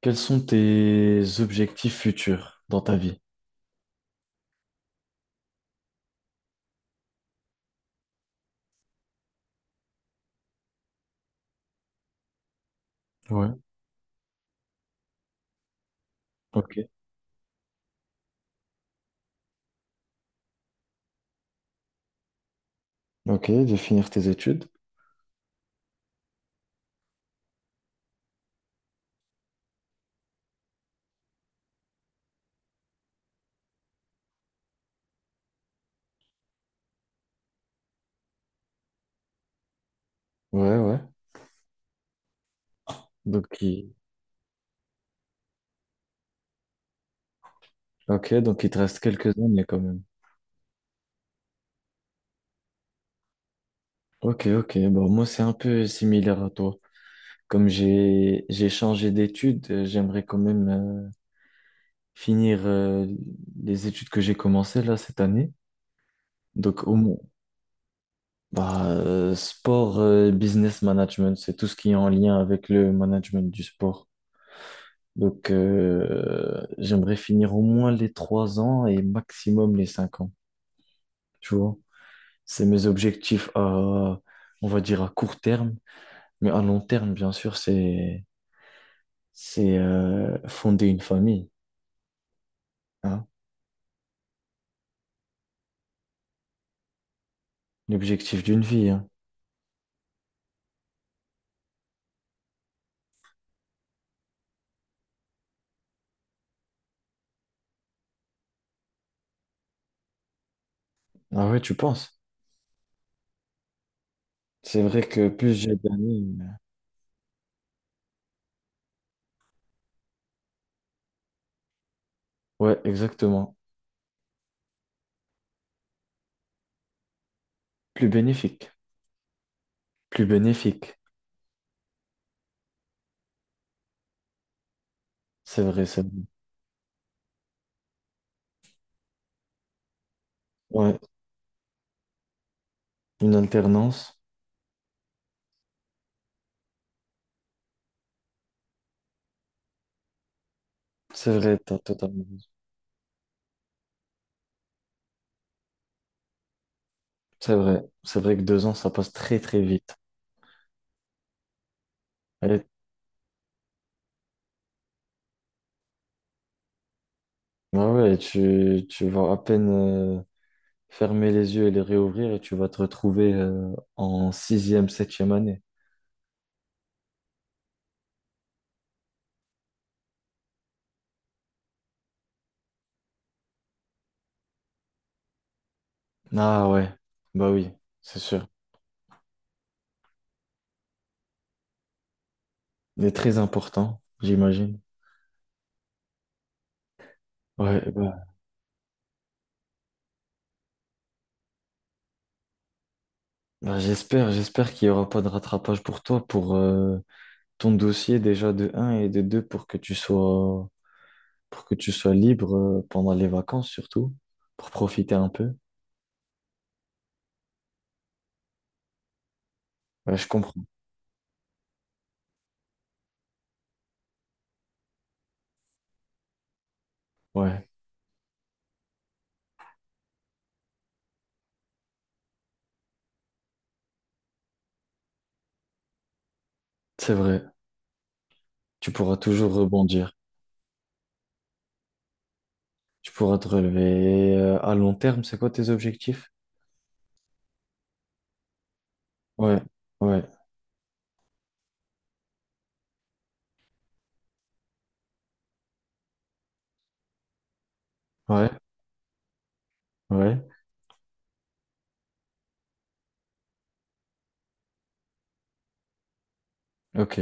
Quels sont tes objectifs futurs dans ta vie? Ouais. Ok. Ok, de finir tes études. Ouais, ouais. Donc il... Ok, donc il te reste quelques années quand même. Ok, ok. Bon, moi c'est un peu similaire à toi. Comme j'ai changé d'études, j'aimerais quand même finir les études que j'ai commencées là cette année. Donc au moins, sport, business management, c'est tout ce qui est en lien avec le management du sport. Donc, j'aimerais finir au moins les trois ans et maximum les cinq ans. Tu vois, c'est mes objectifs à, on va dire à court terme, mais à long terme, bien sûr, c'est fonder une famille, hein, l'objectif d'une vie, hein. Ah ouais, tu penses? C'est vrai que plus j'ai d'années, ouais, exactement, plus bénéfique, plus bénéfique. C'est vrai, c'est vrai. Ouais, une alternance, c'est vrai, t'as totalement raison. C'est vrai que deux ans, ça passe très très vite. Ah ouais, tu vas à peine fermer les yeux et les réouvrir et tu vas te retrouver en sixième, septième année. Ah ouais, bah oui, c'est sûr. Mais très important, j'imagine. Ouais, bah, bah j'espère, j'espère qu'il n'y aura pas de rattrapage pour toi, pour ton dossier déjà de un et de 2 pour que tu sois, pour que tu sois libre pendant les vacances surtout, pour profiter un peu. Ouais, je comprends. Ouais, c'est vrai. Tu pourras toujours rebondir. Tu pourras te relever à long terme, c'est quoi tes objectifs? Ouais, ouais, ouais, ouais. Ok,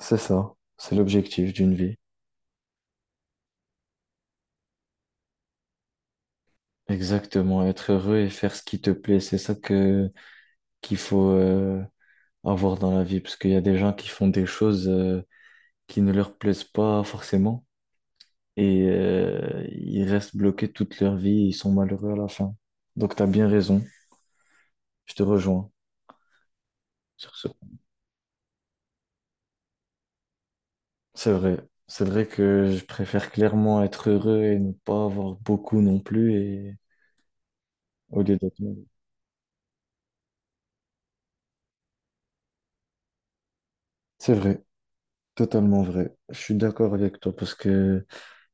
c'est ça. C'est l'objectif d'une vie. Exactement, être heureux et faire ce qui te plaît, c'est ça que qu'il faut avoir dans la vie, parce qu'il y a des gens qui font des choses qui ne leur plaisent pas forcément et ils restent bloqués toute leur vie, ils sont malheureux à la fin. Donc t'as bien raison, je te rejoins sur ce. C'est vrai. C'est vrai que je préfère clairement être heureux et ne pas avoir beaucoup non plus et au lieu d'être mal. C'est vrai, totalement vrai. Je suis d'accord avec toi parce que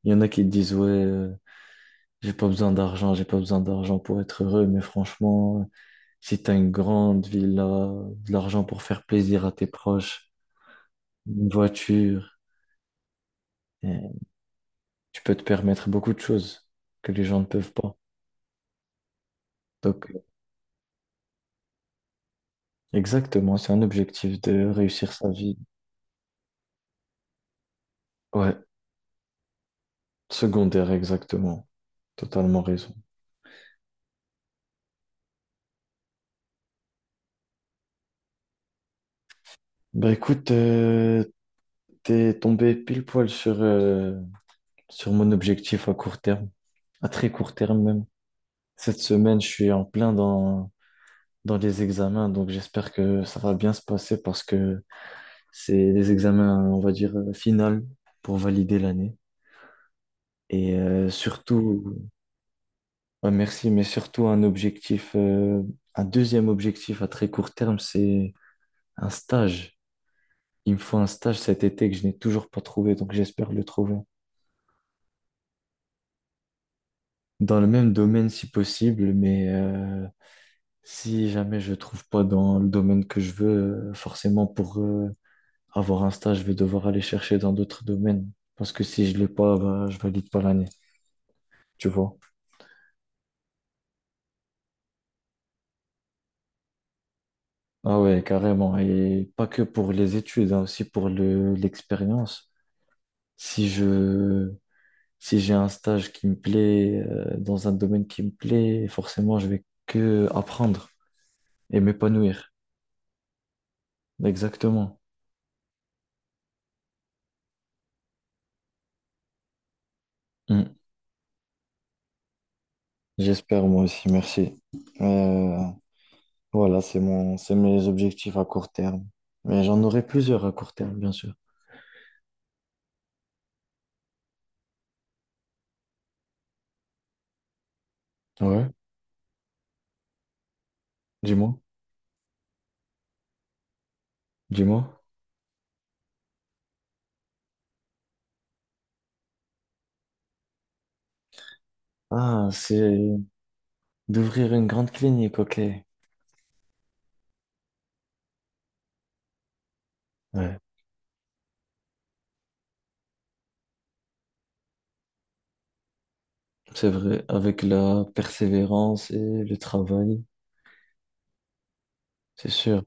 il y en a qui te disent ouais, j'ai pas besoin d'argent, j'ai pas besoin d'argent pour être heureux, mais franchement, si t'as une grande villa, de l'argent pour faire plaisir à tes proches, une voiture, euh, tu peux te permettre beaucoup de choses que les gens ne peuvent pas. Donc, exactement, c'est un objectif de réussir sa vie. Ouais, secondaire, exactement. Totalement raison. Bah écoute, t'es tombé pile poil sur, sur mon objectif à court terme, à très court terme même. Cette semaine, je suis en plein dans, dans les examens, donc j'espère que ça va bien se passer parce que c'est les examens, on va dire, final pour valider l'année. Et surtout, ouais, merci, mais surtout un objectif, un deuxième objectif à très court terme, c'est un stage. Il me faut un stage cet été que je n'ai toujours pas trouvé, donc j'espère le trouver. Dans le même domaine si possible, mais si jamais je trouve pas dans le domaine que je veux, forcément pour avoir un stage, je vais devoir aller chercher dans d'autres domaines. Parce que si je l'ai pas, bah, je valide pas l'année, tu vois. Ah ouais, carrément. Et pas que pour les études, hein, aussi pour le, l'expérience. Si je, si j'ai un stage qui me plaît, dans un domaine qui me plaît, forcément, je vais que apprendre et m'épanouir. Exactement. Mm. J'espère moi aussi, merci. Euh, voilà, c'est mon, c'est mes objectifs à court terme. Mais j'en aurai plusieurs à court terme, bien sûr. Ouais, dis-moi, dis-moi. Ah, c'est d'ouvrir une grande clinique, ok. Ouais, c'est vrai, avec la persévérance et le travail, c'est sûr,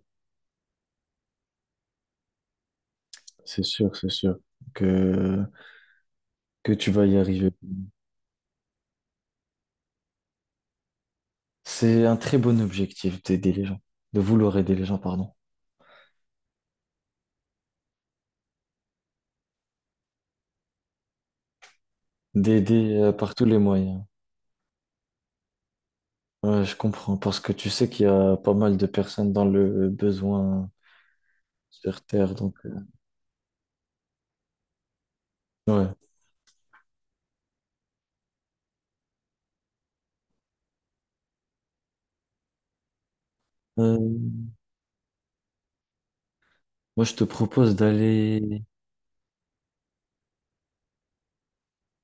c'est sûr, c'est sûr que, que tu vas y arriver. C'est un très bon objectif d'aider les gens, de vouloir aider les gens, pardon, d'aider par tous les moyens. Ouais, je comprends, parce que tu sais qu'il y a pas mal de personnes dans le besoin sur Terre, donc ouais. Euh, moi, je te propose d'aller.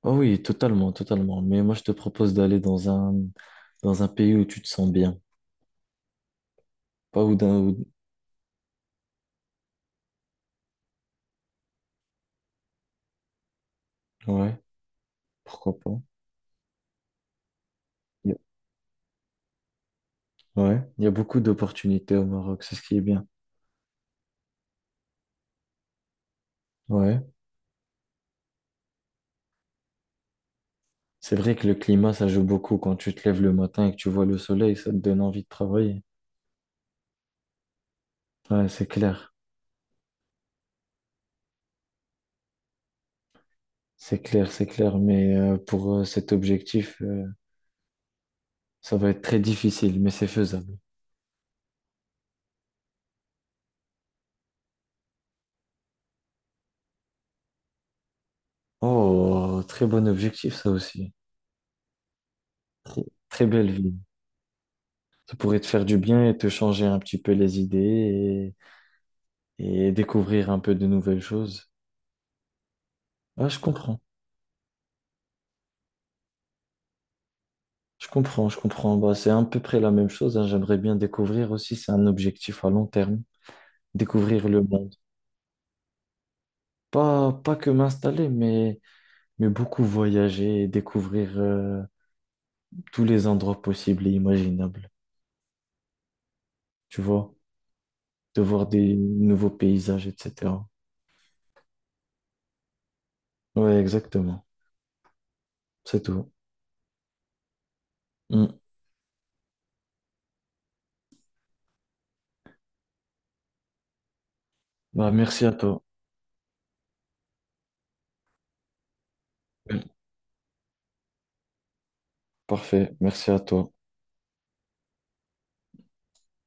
Ah oui, totalement, totalement. Mais moi, je te propose d'aller dans un pays où tu te sens bien, pas où d'un, où- ouais, pourquoi pas. Y- a- ouais, il y a beaucoup d'opportunités au Maroc, c'est ce qui est bien. Ouais, c'est vrai que le climat, ça joue beaucoup. Quand tu te lèves le matin et que tu vois le soleil, ça te donne envie de travailler. Ouais, c'est clair, c'est clair, c'est clair. Mais pour cet objectif, ça va être très difficile, mais c'est faisable. Oh, très bon objectif, ça aussi. Très, très belle vie. Ça pourrait te faire du bien et te changer un petit peu les idées et découvrir un peu de nouvelles choses. Ah, je comprends. Je comprends, je comprends. Bah, c'est à peu près la même chose, hein. J'aimerais bien découvrir aussi, c'est un objectif à long terme, découvrir le monde. Pas, pas que m'installer, mais beaucoup voyager et découvrir tous les endroits possibles et imaginables. Tu vois, de voir des nouveaux paysages, etc. Ouais, exactement. C'est tout. Mm. Bah, merci à toi. Mm. Parfait. Merci à toi.